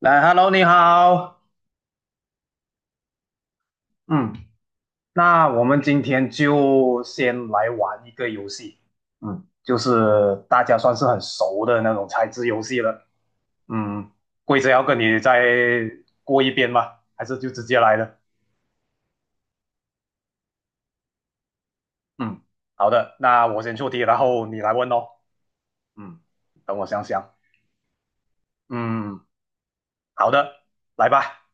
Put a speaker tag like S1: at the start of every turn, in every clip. S1: 来，Hello，你好。嗯，那我们今天就先来玩一个游戏。就是大家算是很熟的那种猜字游戏了。嗯，规则要跟你再过一遍吗？还是就直接来了？嗯，好的，那我先出题，然后你来问哦。嗯，等我想想。嗯，好的，来吧。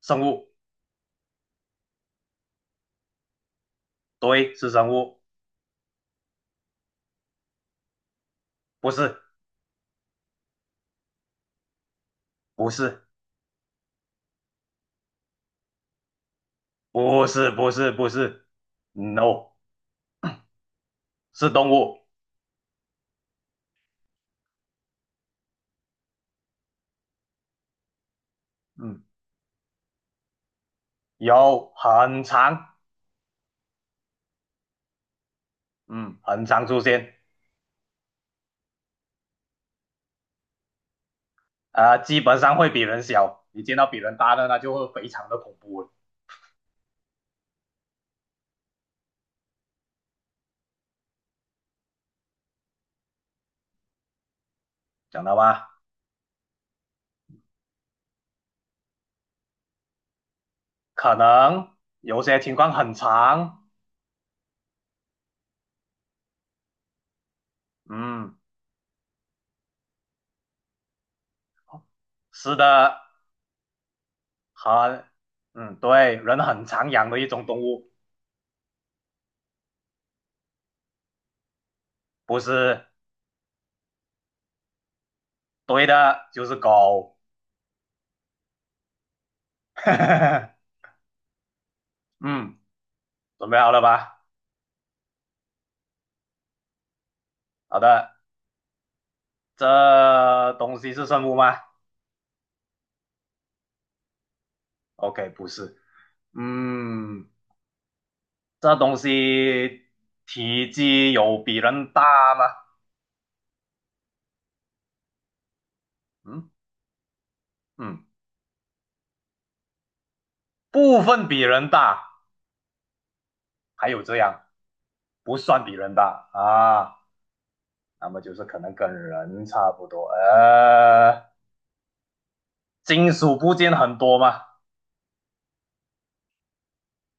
S1: 生物，对，是生物，不是，不是，不是，No,是动物。嗯。有很长，嗯，很长出现，啊，基本上会比人小，你见到比人大的那就会非常的恐怖了，讲到吧？可能有些情况很长，嗯，是的，很，对，人很常养的一种动物，不是对的，就是狗，嗯，准备好了吧？好的，这东西是生物吗？OK,不是，嗯。这东西体积有比人大吗？嗯嗯，部分比人大，还有这样不算比人大啊，那么就是可能跟人差不多。金属部件很多吗？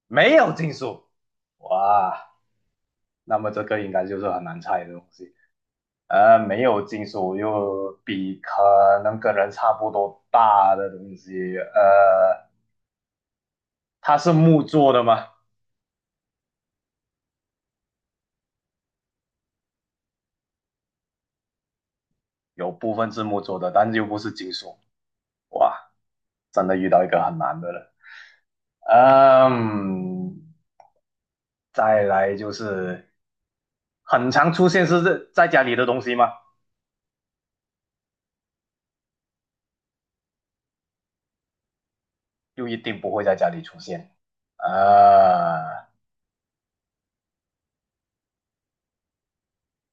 S1: 没有金属，哇，那么这个应该就是很难猜的东西。没有金属又比可能跟人差不多大的东西，它是木做的吗？有部分字幕做的，但是又不是金属，哇，真的遇到一个很难的了。嗯，再来就是很常出现是在家里的东西吗？又一定不会在家里出现。呃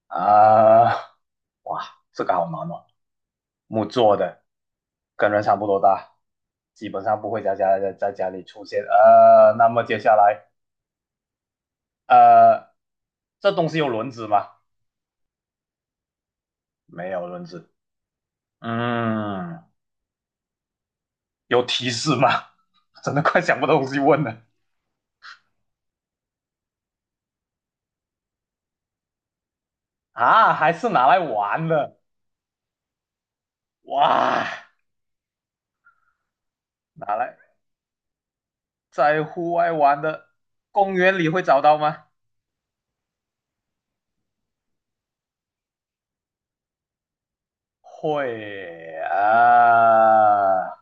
S1: 啊、呃哇，这个好难哦，木做的，跟人差不多大，基本上不会在家在家里出现。那么接下来，呃，这东西有轮子吗？没有轮子。嗯，有提示吗？真的快想不到东西问了啊！还是拿来玩的哇？拿来在户外玩的，公园里会找到吗？会啊，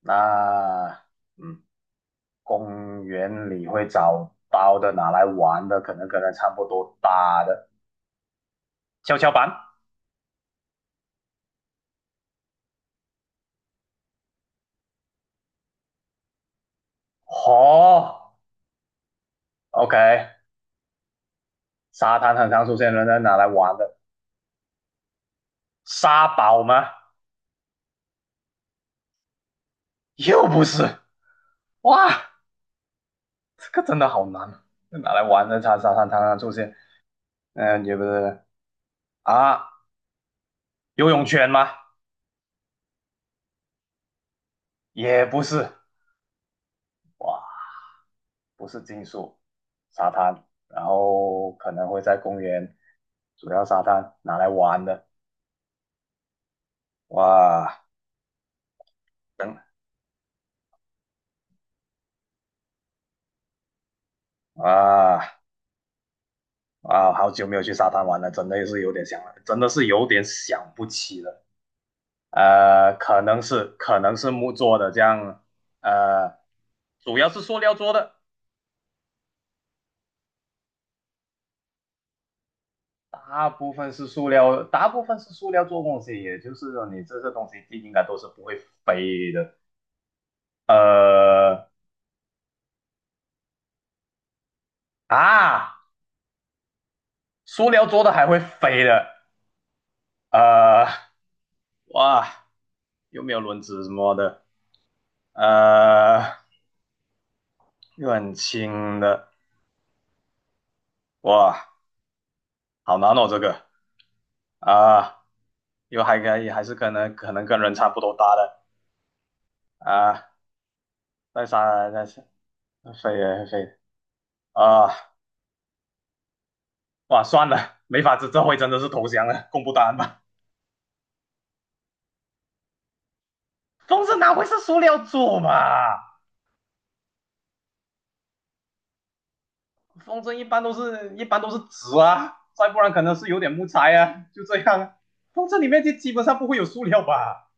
S1: 那嗯，公园里会找到的，拿来玩的，可能跟它差不多大的跷跷板。哦，OK,沙滩很常出现，的，拿来玩的。沙堡吗？又不是哇。这个真的好难啊，拿来玩的沙滩上出现，也不是啊，游泳圈吗？也不是，哇，不是金属沙滩，然后可能会在公园主要沙滩拿来玩的，哇，等啊啊，好久没有去沙滩玩了，真的也是有点想了，真的是有点想不起了，可能是木做的这样，呃，主要是塑料做的，大部分是塑料，大部分是塑料做东西，也就是说你这些东西应该都是不会飞的。呃啊，塑料做的还会飞的，呃哇，有没有轮子什么的，呃又很轻的，哇，好难哦这个啊、呃又还可以，还是可能跟人差不多大的啊、再杀再杀飞飞啊、哇算了，没法子，这回真的是投降了，公布答案吧。风筝哪会是塑料做嘛？风筝一般都是一般都是纸啊，再不然可能是有点木材啊，就这样啊。风筝里面就基本上不会有塑料吧？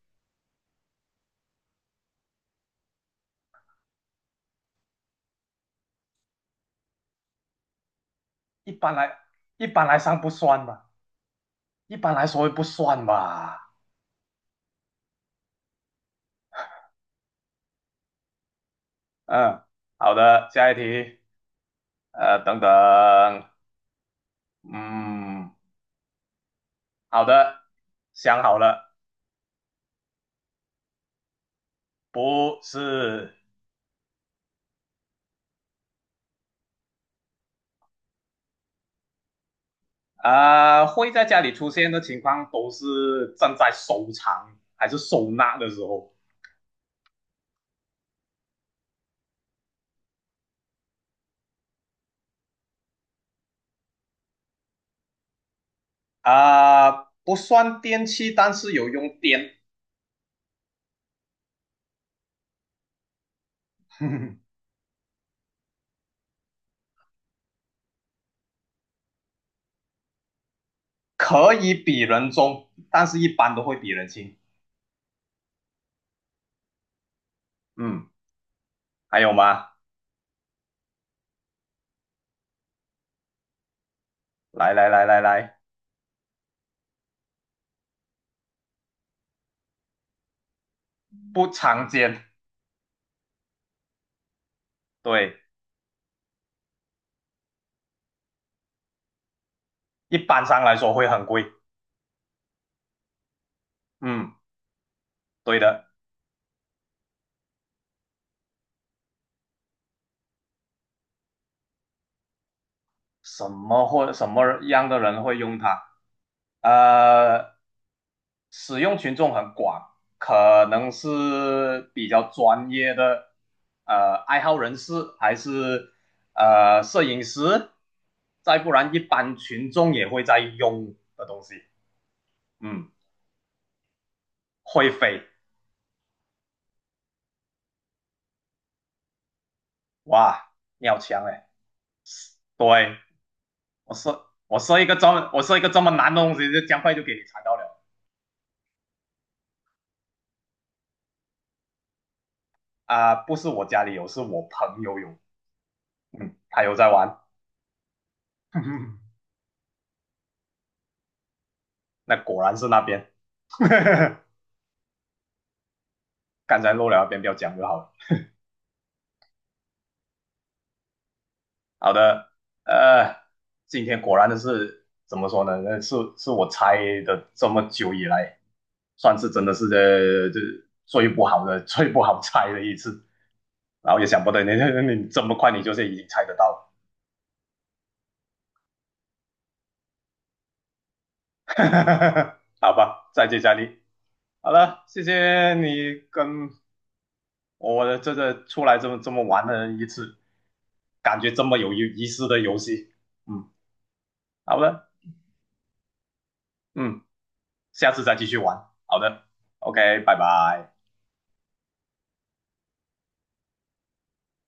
S1: 一般来一般来上不算吧，一般来说不算吧。嗯，好的，下一题。等等，嗯，好的，想好了，不是会在家里出现的情况都是正在收藏还是收纳的时候。啊、不算电器，但是有用电，可以比人重，但是一般都会比人轻。嗯，还有吗？来来来来来，不常见，对，一般上来说会很贵。嗯，对的。什么样的人会用它？呃，使用群众很广，可能是比较专业的爱好人士，还是摄影师，再不然一般群众也会在用的东西。嗯，会飞，哇，你好强哎！对，我设一个这么难的东西，就这样快就给你猜到了不是我家里有，是我朋友有。嗯，他有在玩，那果然是那边，刚才漏了那边不要讲就好了。好的，呃，今天果然的是怎么说呢？那是我猜的这么久以来，算是真的是这最不好的、最不好猜的一次。然后也想不到你 你这么快你就是已经猜得到了，好吧，再接再厉。好了，谢谢你跟我的这个出来这么玩的一次。感觉这么有意思的游戏。嗯，好的，嗯，下次再继续玩。好的，OK,拜拜。